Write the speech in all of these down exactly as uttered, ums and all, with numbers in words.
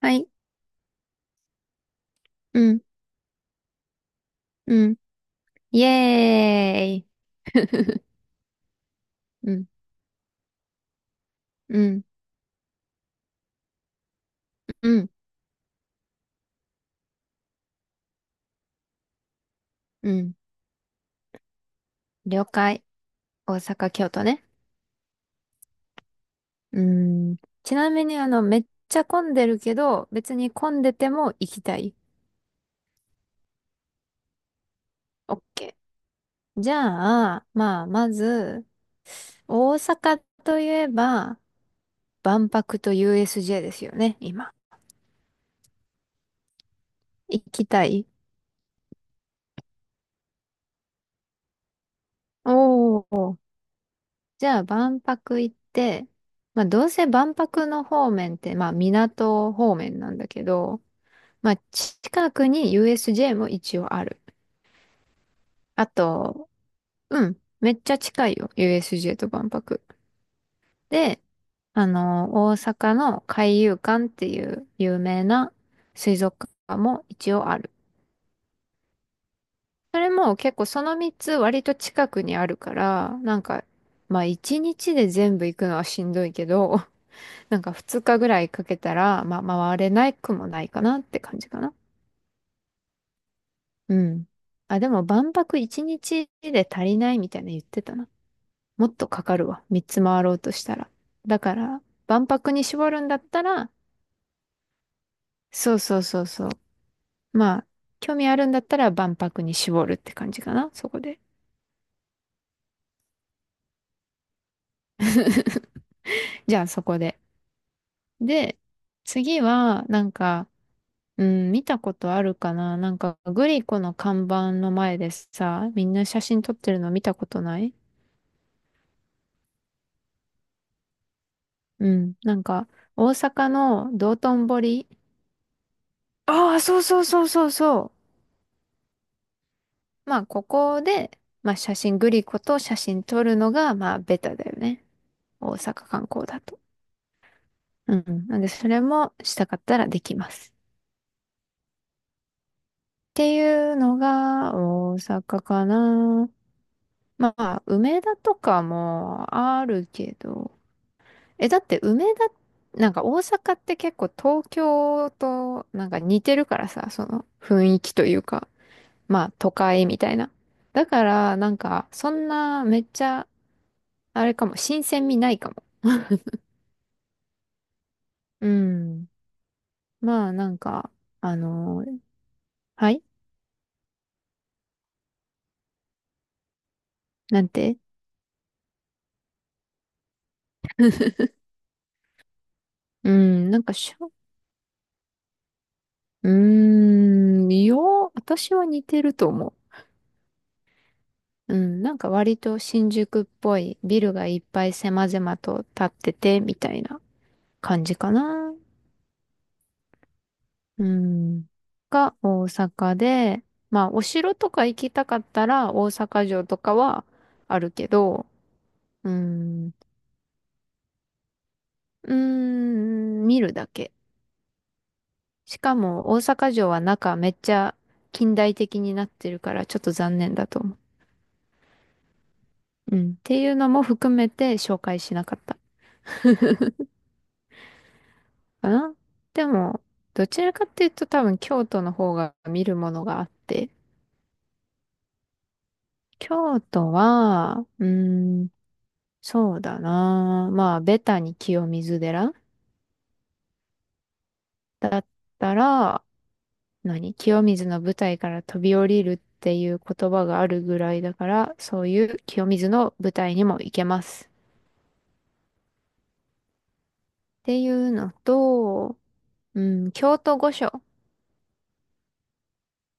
はい。うん、うん。イエーイ。うん、うん、うん、うん。了解。大阪、京都ね。うん。ちなみに、あの、めっちゃ混んでるけど、別に混んでても行きたい。オッケー。じゃあ、まあ、まず、大阪といえば、万博と ユーエスジェイ ですよね、今。行きたい？おー。じゃあ万博行って、まあどうせ万博の方面って、まあ港方面なんだけど、まあ近くに ユーエスジェイ も一応ある。あと、うん、めっちゃ近いよ、ユーエスジェイ と万博。で、あの、大阪の海遊館っていう有名な水族館も一応ある。それも結構そのみっつ割と近くにあるから、なんか、まあいちにちで全部行くのはしんどいけど、なんかふつかぐらいかけたら、まあ、回れないくもないかなって感じかな。うん。あ、でも万博いちにちで足りないみたいな言ってたな。もっとかかるわ。みっつ回ろうとしたら。だから、万博に絞るんだったら、そうそうそうそう。まあ、興味あるんだったら万博に絞るって感じかな。そこで。じゃあそこで。で、次は、なんか、うん、見たことあるかな、なんか、グリコの看板の前でさ、みんな写真撮ってるの見たことない？うん。なんか、大阪の道頓堀。ああ、そうそうそうそうそう。まあ、ここで、まあ、写真、グリコと写真撮るのが、まあ、ベタだよね。大阪観光だと。うん。なんで、それもしたかったらできます。っていうのが、大阪かな。まあ、梅田とかもあるけど。え、だって梅田、なんか大阪って結構東京となんか似てるからさ、その雰囲気というか。まあ都会みたいな。だからなんかそんなめっちゃあれかも、新鮮味ないかも。うん。まあなんか、あのーはい。なんてうん、なんかしょ、うーん、よう、私は似てると思う。うん、なんか割と新宿っぽいビルがいっぱい狭々と建っててみたいな感じかな。うん。が大阪で、まあお城とか行きたかったら大阪城とかはあるけど、うーん、うーん、見るだけ。しかも大阪城は中めっちゃ近代的になってるからちょっと残念だと思う。うん。っていうのも含めて紹介しなかったかな。でも、どちらかっていうと多分京都の方が見るものがあって、京都は、うーん、そうだな。まあ、ベタに清水寺だったら、何清水の舞台から飛び降りるっていう言葉があるぐらいだから、そういう清水の舞台にも行けます。っていうのと、うん、京都御所。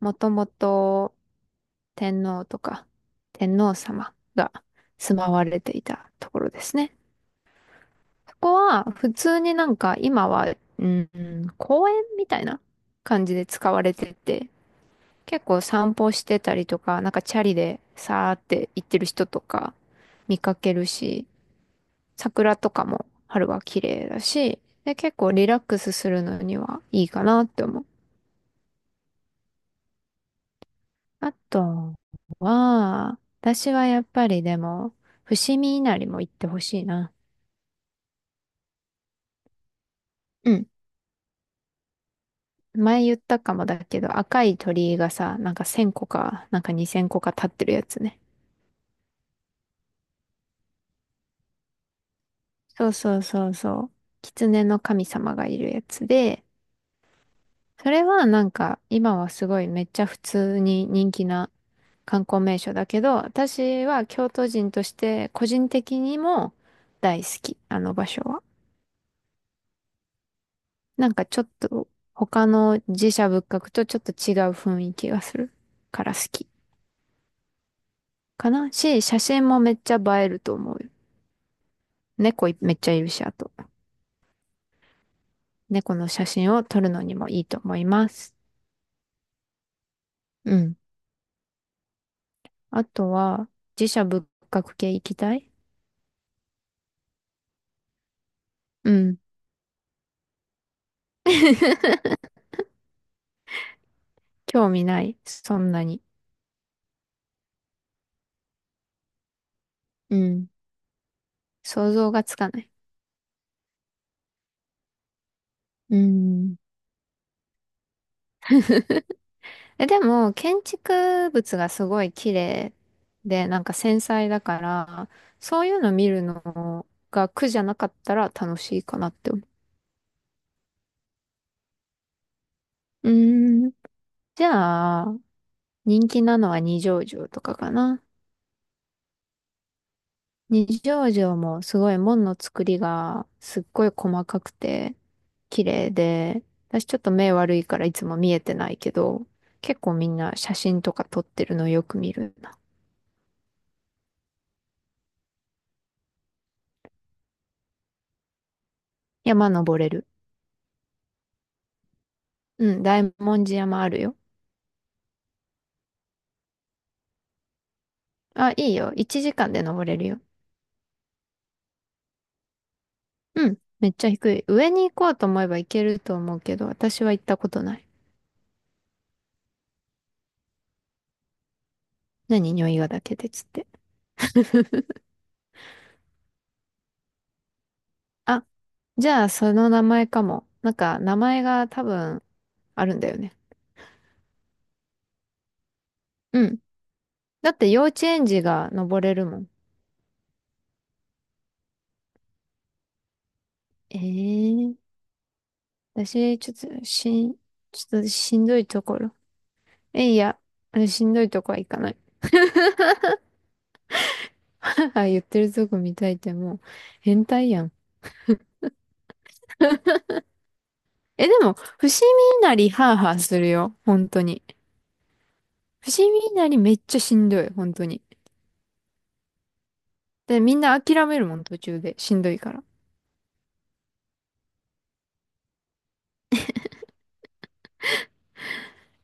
もともと天皇とか天皇様が住まわれていたところですね。そこは普通になんか今は、うん、公園みたいな感じで使われてて、結構散歩してたりとか、なんかチャリでさーって行ってる人とか見かけるし、桜とかも春は綺麗だし、で、結構リラックスするのにはいいかなって思う。あとは、私はやっぱりでも、伏見稲荷も行ってほしいな。うん。前言ったかもだけど、赤い鳥居がさ、なんかせんこか、なんかにせんこか立ってるやつね。そうそうそうそう。狐の神様がいるやつで、それはなんか今はすごいめっちゃ普通に人気な観光名所だけど、私は京都人として個人的にも大好き、あの場所は。なんかちょっと他の寺社仏閣とちょっと違う雰囲気がするから好きかなし、写真もめっちゃ映えると思うよ。猫いめっちゃいるし、あと。猫の写真を撮るのにもいいと思います。うん。あとは寺社仏閣系行きたい？うん。興味ない。そんなに。うん。想像がつかない。うん。え、でも、建築物がすごい綺麗で、なんか繊細だから、そういうの見るのが苦じゃなかったら楽しいかなって思う。うーん。じゃあ、人気なのは二条城とかかな。二条城もすごい門の作りがすっごい細かくて綺麗で、私ちょっと目悪いからいつも見えてないけど、結構みんな写真とか撮ってるのよく見るな。山登れる。うん、大文字山あるよ。あ、いいよ。いちじかんで登れるよ。うん、めっちゃ低い。上に行こうと思えば行けると思うけど、私は行ったことない。何、匂いがだけでつって。あ、じゃあその名前かも。なんか名前が多分あるんだよね。うん。だって幼稚園児が登れるもん。ええ。私、ちょっとしん、ちょっとしんどいところ。え、いや、あ、しんどいとこは行かない。はは言ってるとこ見たいってもう、変態やん。え、でも、伏見稲荷ハーハーするよ。本当に。伏見稲荷めっちゃしんどい。本当に。で、みんな諦めるもん、途中で。しんどいから。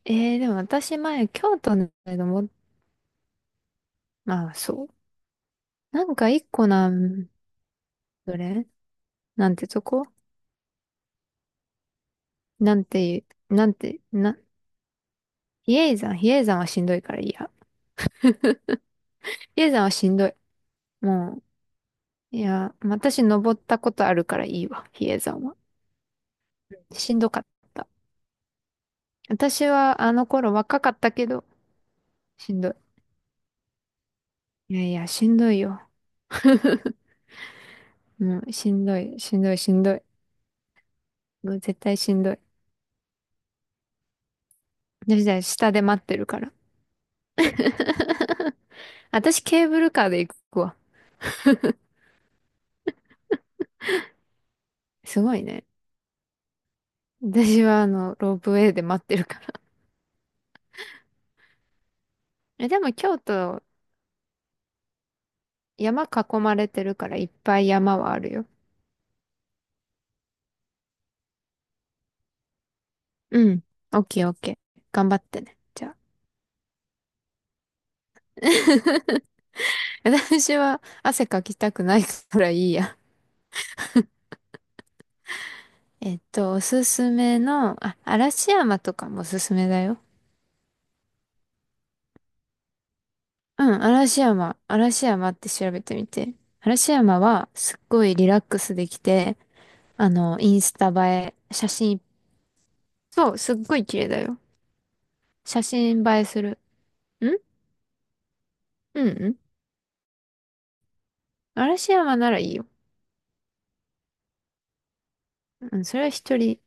えー、でも私、前、京都の間も、まあ、そう。なんか一個なん、どれなんてとこ？なんていう、なんて、な、比叡山。比叡山はしんどいからいいや。比叡山はしんどい。もう、いや、私登ったことあるからいいわ、比叡山は。しんどかった。私はあの頃若かったけど、しんどい。いやいや、しんどいよ。もう、しんどい、しんどい、しんどい。もう絶対しんどい。私は下で待ってるから。私ケーブルカーで行くわ。すごいね。私はあの、ロープウェイで待ってるから。え、でも京都、山囲まれてるからいっぱい山はあるよ。うん。オッケーオッケー。頑張ってね。じゃあ。私は汗かきたくないからいいや。えっと、おすすめの、あ、嵐山とかもおすすめだよ。うん、嵐山。嵐山って調べてみて。嵐山はすっごいリラックスできて、あの、インスタ映え、写真、そう、すっごい綺麗だよ。写真映えする。ん、うんうん。嵐山ならいいよ。うん、それは一人。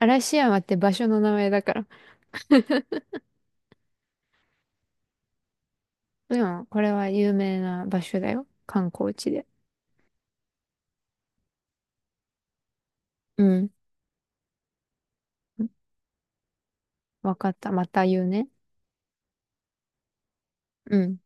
嵐山って場所の名前だから。でも、これは有名な場所だよ。観光地で。うん。わかった。また言うね。うん。